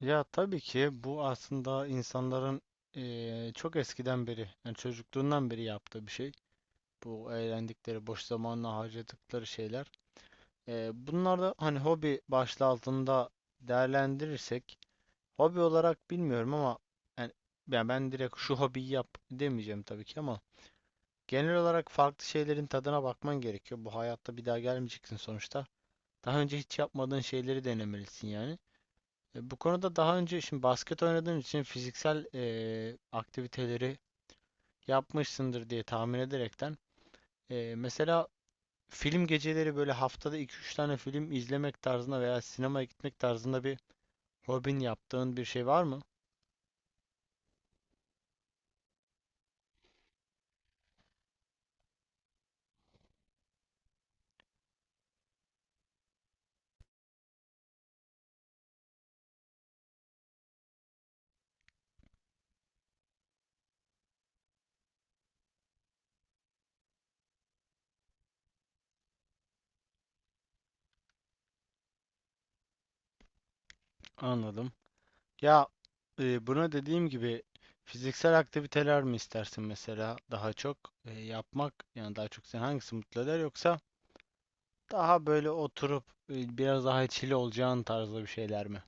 Ya tabii ki bu aslında insanların çok eskiden beri, yani çocukluğundan beri yaptığı bir şey. Bu eğlendikleri, boş zamanla harcadıkları şeyler. Bunlar da hani hobi başlığı altında değerlendirirsek, hobi olarak bilmiyorum ama yani, ben direkt şu hobiyi yap demeyeceğim tabii ki ama genel olarak farklı şeylerin tadına bakman gerekiyor. Bu hayatta bir daha gelmeyeceksin sonuçta. Daha önce hiç yapmadığın şeyleri denemelisin yani. Bu konuda daha önce şimdi basket oynadığın için fiziksel aktiviteleri yapmışsındır diye tahmin ederekten mesela film geceleri böyle haftada iki üç tane film izlemek tarzında veya sinemaya gitmek tarzında bir hobin yaptığın bir şey var mı? Anladım. Ya buna dediğim gibi fiziksel aktiviteler mi istersin mesela daha çok yapmak yani daha çok seni hangisi mutlu eder yoksa daha böyle oturup biraz daha chill olacağın tarzda bir şeyler mi?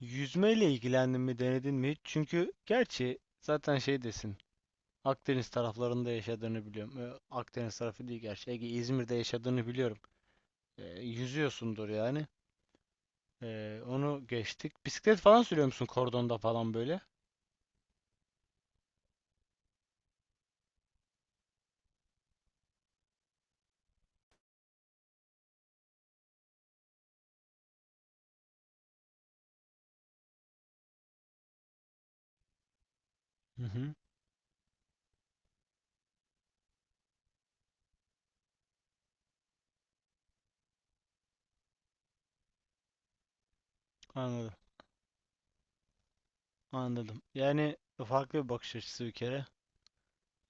Yüzmeyle ilgilendin mi, denedin mi hiç? Çünkü gerçi zaten şey desin. Akdeniz taraflarında yaşadığını biliyorum. Akdeniz tarafı değil gerçi. Ege, İzmir'de yaşadığını biliyorum. Yüzüyorsundur yani. Onu geçtik. Bisiklet falan sürüyor musun kordonda falan böyle? Hı hı. Anladım. Anladım. Yani farklı bir bakış açısı bir kere.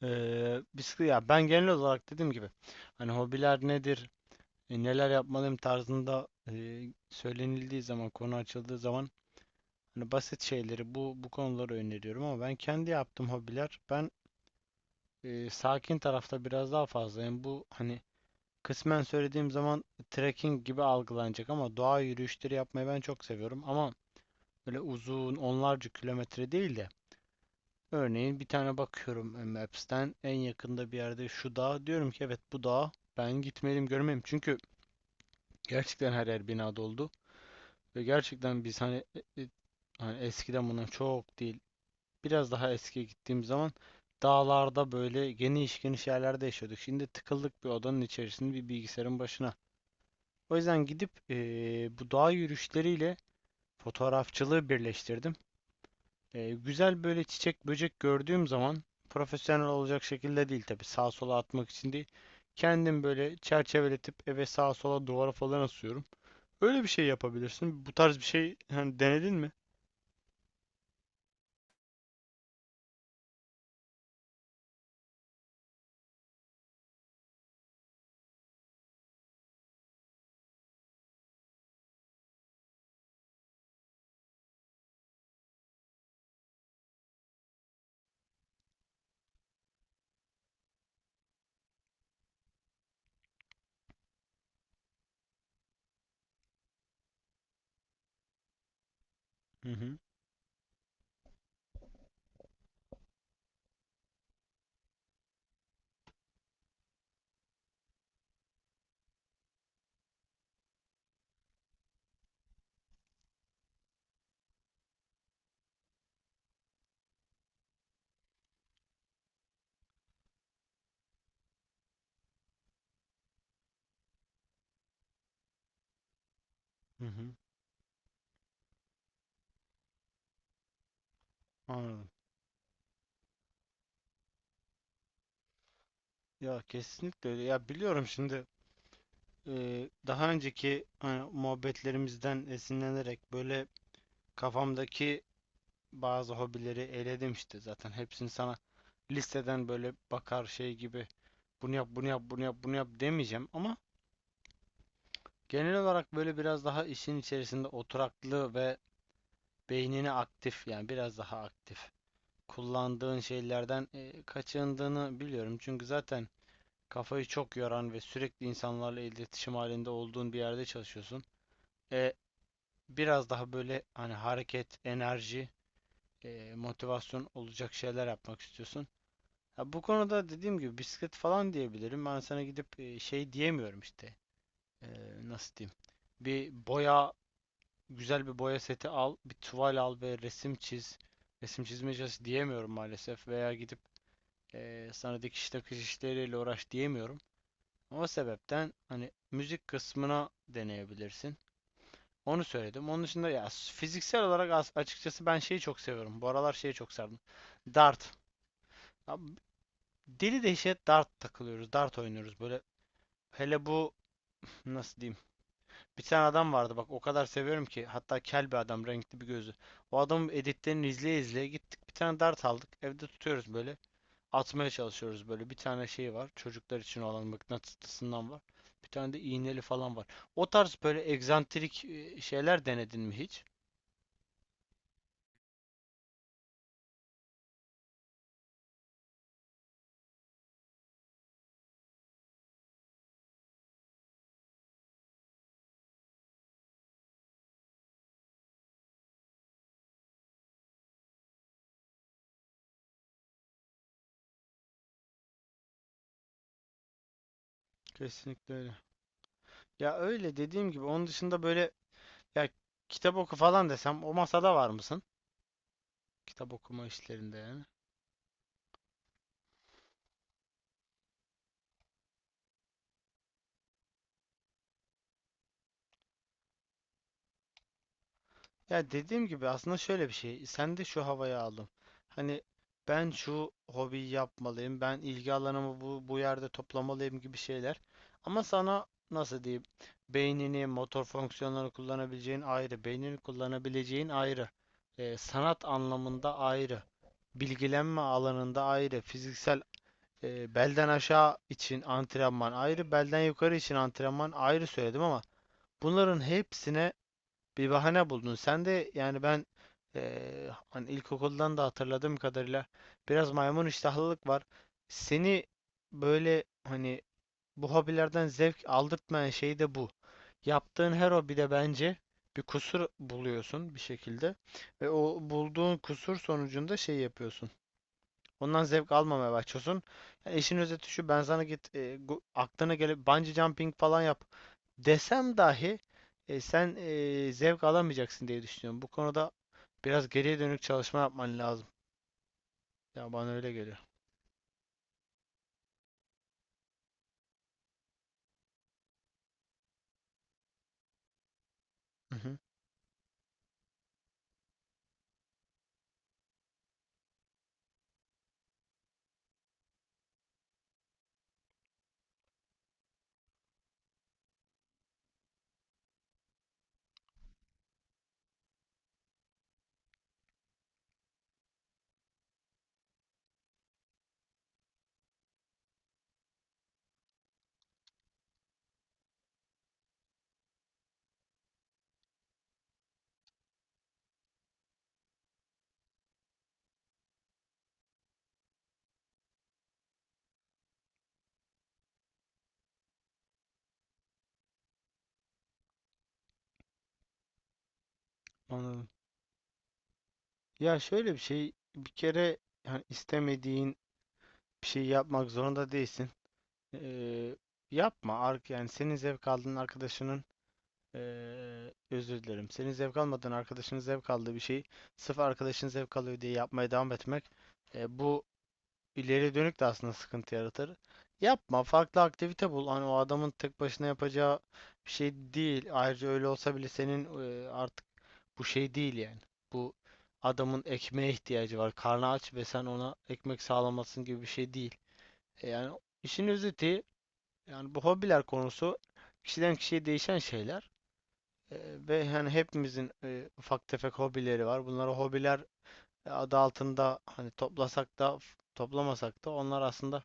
Bisiklet ya ben genel olarak dediğim gibi hani hobiler nedir, neler yapmalıyım tarzında söylenildiği zaman, konu açıldığı zaman hani basit şeyleri bu konuları öneriyorum ama ben kendi yaptığım hobiler ben sakin tarafta biraz daha fazlayım. Bu hani kısmen söylediğim zaman trekking gibi algılanacak ama doğa yürüyüşleri yapmayı ben çok seviyorum ama böyle uzun onlarca kilometre değil de örneğin bir tane bakıyorum Maps'ten en yakında bir yerde şu dağ diyorum ki evet bu dağ ben gitmeliyim görmeyeyim çünkü gerçekten her yer bina doldu ve gerçekten biz hani e, e, hani eskiden bundan çok değil biraz daha eskiye gittiğim zaman dağlarda böyle geniş geniş yerlerde yaşıyorduk. Şimdi tıkıldık bir odanın içerisinde bir bilgisayarın başına. O yüzden gidip bu dağ yürüyüşleriyle fotoğrafçılığı birleştirdim. Güzel böyle çiçek böcek gördüğüm zaman profesyonel olacak şekilde değil tabii sağa sola atmak için değil. Kendim böyle çerçeveletip eve sağa sola duvara falan asıyorum. Öyle bir şey yapabilirsin. Bu tarz bir şey hani denedin mi? Hı hı. Hı hı. Anladım. Ya kesinlikle öyle. Ya biliyorum şimdi daha önceki hani, muhabbetlerimizden esinlenerek böyle kafamdaki bazı hobileri eledim işte zaten hepsini sana listeden böyle bakar şey gibi bunu yap bunu yap bunu yap bunu yap demeyeceğim ama genel olarak böyle biraz daha işin içerisinde oturaklı ve beynini aktif yani biraz daha aktif kullandığın şeylerden kaçındığını biliyorum çünkü zaten kafayı çok yoran ve sürekli insanlarla iletişim halinde olduğun bir yerde çalışıyorsun. E, biraz daha böyle hani hareket, enerji, motivasyon olacak şeyler yapmak istiyorsun. Ha, bu konuda dediğim gibi bisiklet falan diyebilirim. Ben sana gidip şey diyemiyorum işte. E, nasıl diyeyim? Bir boya, güzel bir boya seti al, bir tuval al ve resim çiz. Resim çizme cihazı diyemiyorum maalesef veya gidip sana dikiş takış işleriyle uğraş diyemiyorum. O sebepten hani müzik kısmına deneyebilirsin. Onu söyledim. Onun dışında ya fiziksel olarak açıkçası ben şeyi çok seviyorum. Bu aralar şeyi çok sardım. Dart. Abi, deli dehşet dart takılıyoruz. Dart oynuyoruz. Böyle hele bu nasıl diyeyim? Bir tane adam vardı bak o kadar seviyorum ki. Hatta kel bir adam renkli bir gözü. O adamın editlerini izleye izleye gittik. Bir tane dart aldık. Evde tutuyoruz böyle. Atmaya çalışıyoruz böyle. Bir tane şey var. Çocuklar için olan mıknatıslısından var. Bir tane de iğneli falan var. O tarz böyle egzantrik şeyler denedin mi hiç? Kesinlikle öyle. Ya öyle dediğim gibi onun dışında böyle ya kitap oku falan desem o masada var mısın? Kitap okuma işlerinde yani. Ya dediğim gibi aslında şöyle bir şey. Sen de şu havayı aldım. Hani ben şu hobiyi yapmalıyım. Ben ilgi alanımı bu, bu yerde toplamalıyım gibi şeyler. Ama sana nasıl diyeyim? Beynini, motor fonksiyonlarını kullanabileceğin ayrı. Beynini kullanabileceğin ayrı. Sanat anlamında ayrı. Bilgilenme alanında ayrı. Fiziksel, belden aşağı için antrenman ayrı, belden yukarı için antrenman ayrı söyledim ama bunların hepsine bir bahane buldun. Sen de yani ben hani ilkokuldan da hatırladığım kadarıyla biraz maymun iştahlılık var. Seni böyle hani bu hobilerden zevk aldırtmayan şey de bu. Yaptığın her hobide bence bir kusur buluyorsun bir şekilde ve o bulduğun kusur sonucunda şey yapıyorsun. Ondan zevk almamaya başlıyorsun. Yani işin özeti şu: ben sana git aklına gelip bungee jumping falan yap desem dahi sen zevk alamayacaksın diye düşünüyorum. Bu konuda biraz geriye dönük çalışma yapman lazım. Ya bana öyle geliyor. Hı hı, anladım. Ya şöyle bir şey bir kere, yani istemediğin bir şey yapmak zorunda değilsin. Ee, yapma. Yani senin zevk aldığın arkadaşının özür dilerim. Senin zevk almadığın arkadaşının zevk aldığı bir şeyi sırf arkadaşın zevk alıyor diye yapmaya devam etmek, bu ileri dönük de aslında sıkıntı yaratır. Yapma. Farklı aktivite bul. Hani o adamın tek başına yapacağı bir şey değil. Ayrıca öyle olsa bile senin artık bu şey değil yani. Bu adamın ekmeğe ihtiyacı var. Karnı aç ve sen ona ekmek sağlamasın gibi bir şey değil. Yani işin özeti, yani bu hobiler konusu kişiden kişiye değişen şeyler. Eee, ve hani hepimizin ufak tefek hobileri var. Bunlara hobiler adı altında hani toplasak da toplamasak da onlar aslında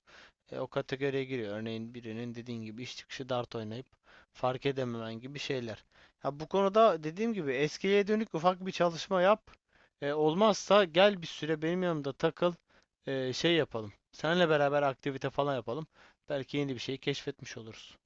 o kategoriye giriyor. Örneğin birinin dediğin gibi iş çıkışı dart oynayıp fark edememen gibi şeyler. Ya bu konuda dediğim gibi eskiye dönük ufak bir çalışma yap. Olmazsa gel bir süre benim yanımda takıl. Şey yapalım. Seninle beraber aktivite falan yapalım. Belki yeni bir şey keşfetmiş oluruz.